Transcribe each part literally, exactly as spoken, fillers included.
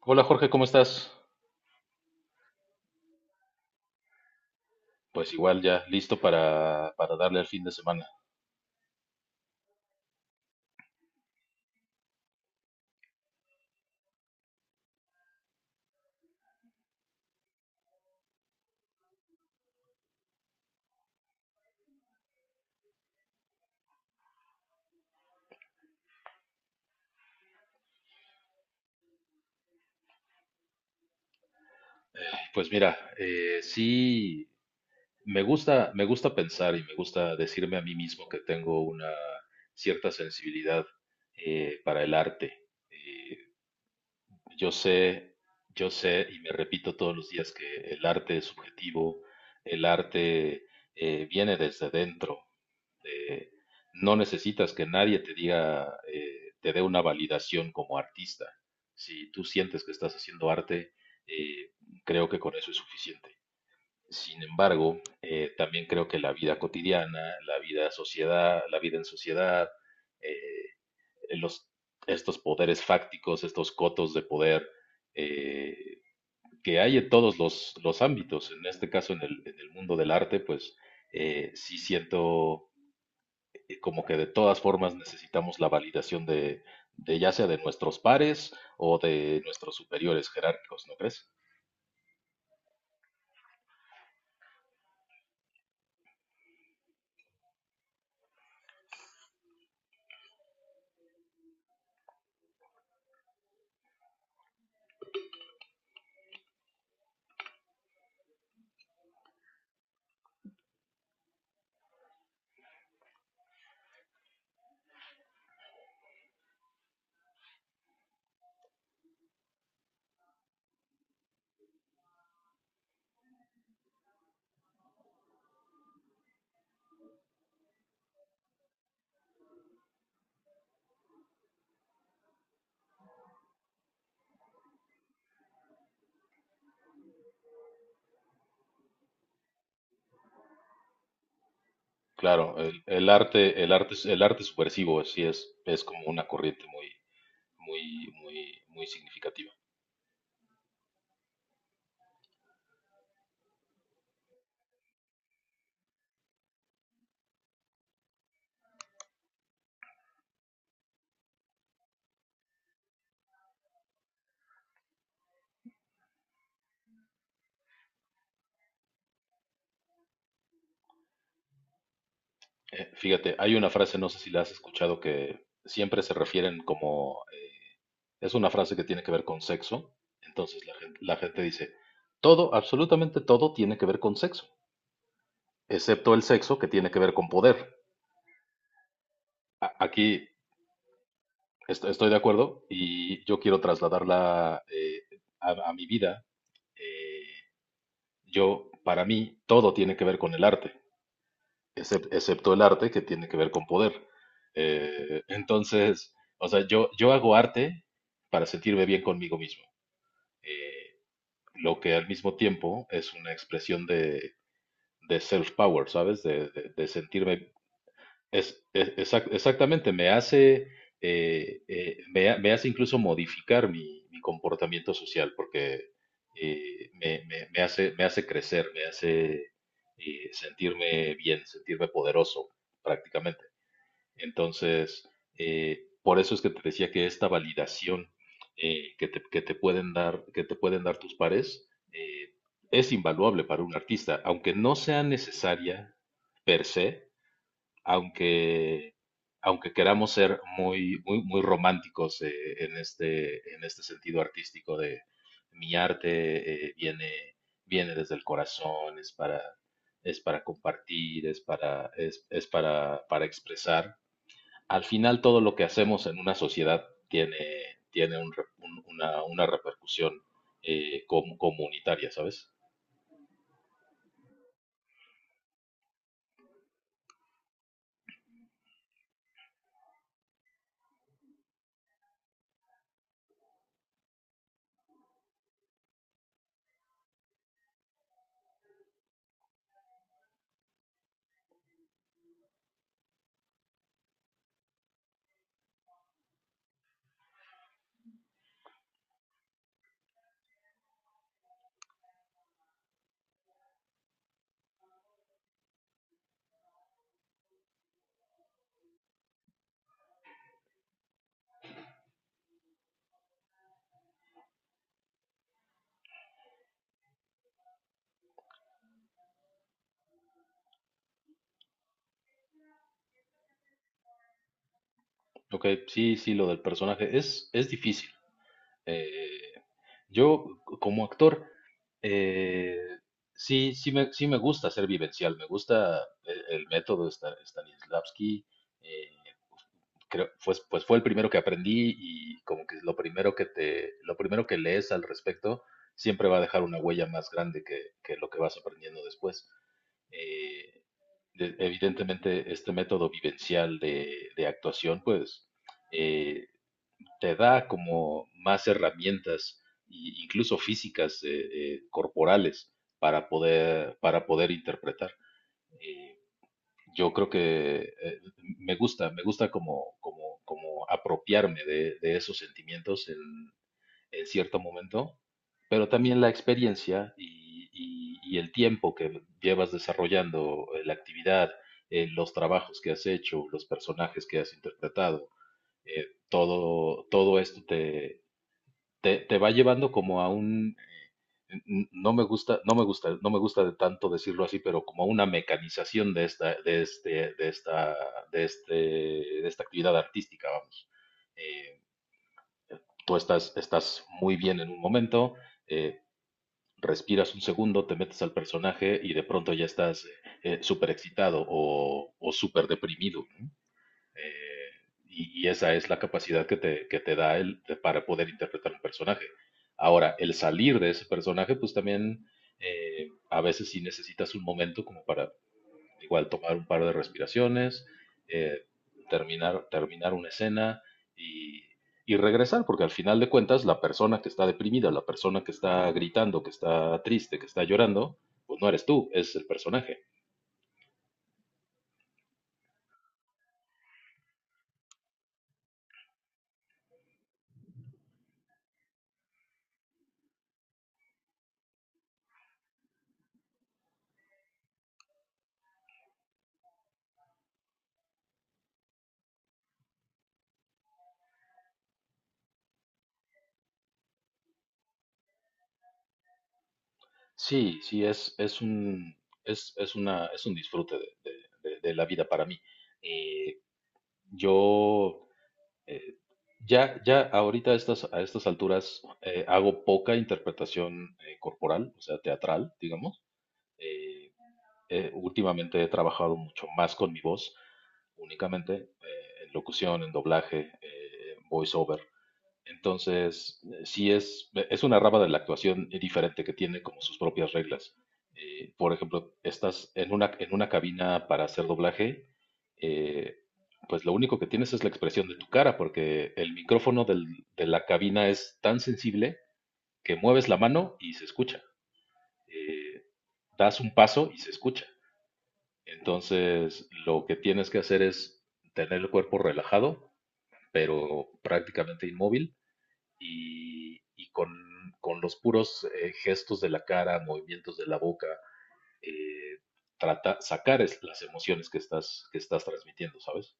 Hola Jorge, ¿cómo estás? Pues igual ya listo para, para darle al fin de semana. Pues mira, eh, sí, me gusta, me gusta pensar y me gusta decirme a mí mismo que tengo una cierta sensibilidad eh, para el arte. Eh, yo sé, yo sé y me repito todos los días que el arte es subjetivo, el arte eh, viene desde dentro. eh, no necesitas que nadie te diga, eh, te dé una validación como artista. Si tú sientes que estás haciendo arte, eh, creo que con eso es suficiente. Sin embargo, eh, también creo que la vida cotidiana, la vida sociedad, la vida en sociedad, eh, los, estos poderes fácticos, estos cotos de poder eh, que hay en todos los, los ámbitos, en este caso en el, en el mundo del arte, pues eh, sí siento eh, como que de todas formas necesitamos la validación de, de ya sea de nuestros pares o de nuestros superiores jerárquicos, ¿no crees? Claro, el, el arte, el arte, el arte subversivo sí es, es como una corriente muy, muy, muy, muy significativa. Eh, fíjate, hay una frase, no sé si la has escuchado, que siempre se refieren como, es una frase que tiene que ver con sexo. Entonces la gente, la gente dice, todo, absolutamente todo tiene que ver con sexo, excepto el sexo que tiene que ver con poder. A- Aquí Est- estoy de acuerdo y yo quiero trasladarla eh, a, a mi vida. Eh, yo, para mí, todo tiene que ver con el arte, excep- excepto el arte que tiene que ver con poder. Eh, entonces, o sea, yo, yo hago arte para sentirme bien conmigo mismo, eh, lo que al mismo tiempo es una expresión de, de self-power, ¿sabes? De, de- de sentirme. Es, es- exact- exactamente, me hace, eh, eh, me, ha- me hace incluso modificar mi, mi comportamiento social porque eh, me, me- me hace, me hace crecer, me hace eh, sentirme bien, sentirme poderoso prácticamente. Entonces, eh, por eso es que te decía que esta validación eh, que te, que te pueden dar, que te pueden dar tus pares eh, es invaluable para un artista, aunque no sea necesaria per se, aunque, aunque queramos ser muy, muy, muy románticos eh, en este, en este sentido artístico de mi arte. Eh, viene, viene desde el corazón, es para, es para compartir, es para, es, es para, para expresar. Al final todo lo que hacemos en una sociedad tiene, tiene un re- un- una, una repercusión eh, com- comunitaria, ¿sabes? Ok, sí, sí, lo del personaje es, es difícil. Eh, yo c- Como actor, eh, sí, sí me, sí me gusta ser vivencial, me gusta el, el método de Sta- Stanislavski. eh, Creo, pues, pues fue el primero que aprendí, y como que lo primero que te, lo primero que lees al respecto siempre va a dejar una huella más grande que, que lo que vas aprendiendo después. Eh, de- Evidentemente, este método vivencial de, de actuación, pues eh, te da como más herramientas, i- incluso físicas, eh, eh, corporales, para poder, para poder interpretar. Eh, yo creo que eh, me gusta, me gusta como, como, como apropiarme de, de esos sentimientos en, en cierto momento, pero también la experiencia y, y- y el tiempo que llevas desarrollando eh, la actividad, eh, los trabajos que has hecho, los personajes que has interpretado, eh, todo, todo esto te, te va llevando como a un, eh, n- no me gusta, no me gusta, no me gusta de tanto decirlo así, pero como a una mecanización de esta, de este, de esta, de este, de esta actividad artística, vamos. Eh, Tú estás, estás muy bien en un momento, eh, respiras un segundo, te metes al personaje y de pronto ya estás eh, súper excitado o, o súper deprimido, ¿no? eh, y, y esa es la capacidad que te, que te da el, de- para poder interpretar un personaje. Ahora, el salir de ese personaje, pues también eh, a veces sí necesitas un momento como para igual tomar un par de respiraciones, eh, terminar, terminar una escena y, y regresar, porque al final de cuentas la persona que está deprimida, la persona que está gritando, que está triste, que está llorando, pues no eres tú, es el personaje. Sí, sí, es, es un, es, es una, es un disfrute de, de- de- de la vida para mí. Eh, yo eh, ya, ya ahorita a estas, a estas alturas eh, hago poca interpretación eh, corporal, o sea, teatral, digamos. Eh, eh, Últimamente he trabajado mucho más con mi voz, únicamente, eh, en locución, en doblaje, eh, voice over. Entonces, eh, sí es, eh, es una rama de la actuación diferente que tiene como sus propias reglas. Eh, por ejemplo, estás en una, en una cabina para hacer doblaje, eh, pues lo único que tienes es la expresión de tu cara, porque el micrófono del- de la cabina es tan sensible que mueves la mano y se escucha. Eh, Das un paso y se escucha. Entonces, lo que tienes que hacer es tener el cuerpo relajado, pero prácticamente inmóvil y, y con, con los puros eh, gestos de la cara, movimientos de la boca, eh, trata, sacar es- las emociones que estás, que estás transmitiendo, ¿sabes?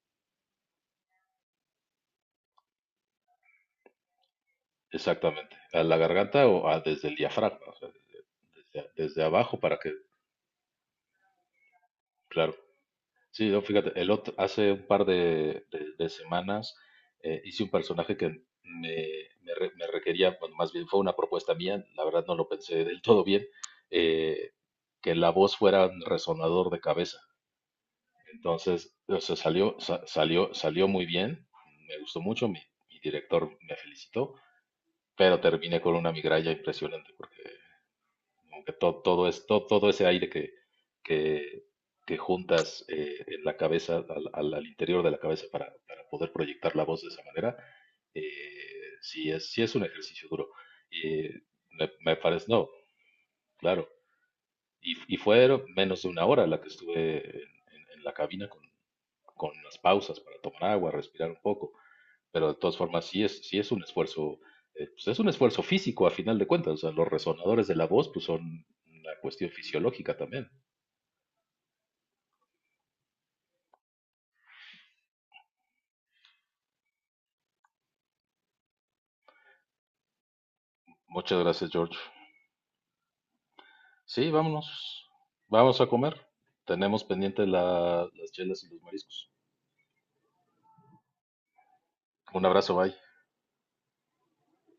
Exactamente. A la garganta o a- desde el diafragma, o sea, desde, desde abajo para que, claro. Sí, no, fíjate, el otro, hace un par de, de- de semanas eh, hice un personaje que me, me re- me requería, bueno, más bien fue una propuesta mía, la verdad no lo pensé del todo bien, eh, que la voz fuera un resonador de cabeza. Entonces, o sea, salió, sa- salió, salió muy bien, me gustó mucho, mi, mi director me felicitó, pero terminé con una migraña impresionante porque como que to- todo, es, to- todo ese aire que, que, que juntas eh, en la cabeza, al, al- al interior de la cabeza para, para poder proyectar la voz de esa manera, eh, sí es, sí es un ejercicio duro. Y me, me parece, no, claro, y, y fue menos de una hora la que estuve en, en- en la cabina con, con las pausas para tomar agua, respirar un poco. Pero de todas formas, sí es, sí es un esfuerzo, eh, pues es un esfuerzo físico a final de cuentas. O sea, los resonadores de la voz pues son una cuestión fisiológica también. Muchas gracias, George. Sí, vámonos. Vamos a comer. Tenemos pendiente la- las chelas y los mariscos. Un abrazo, bye.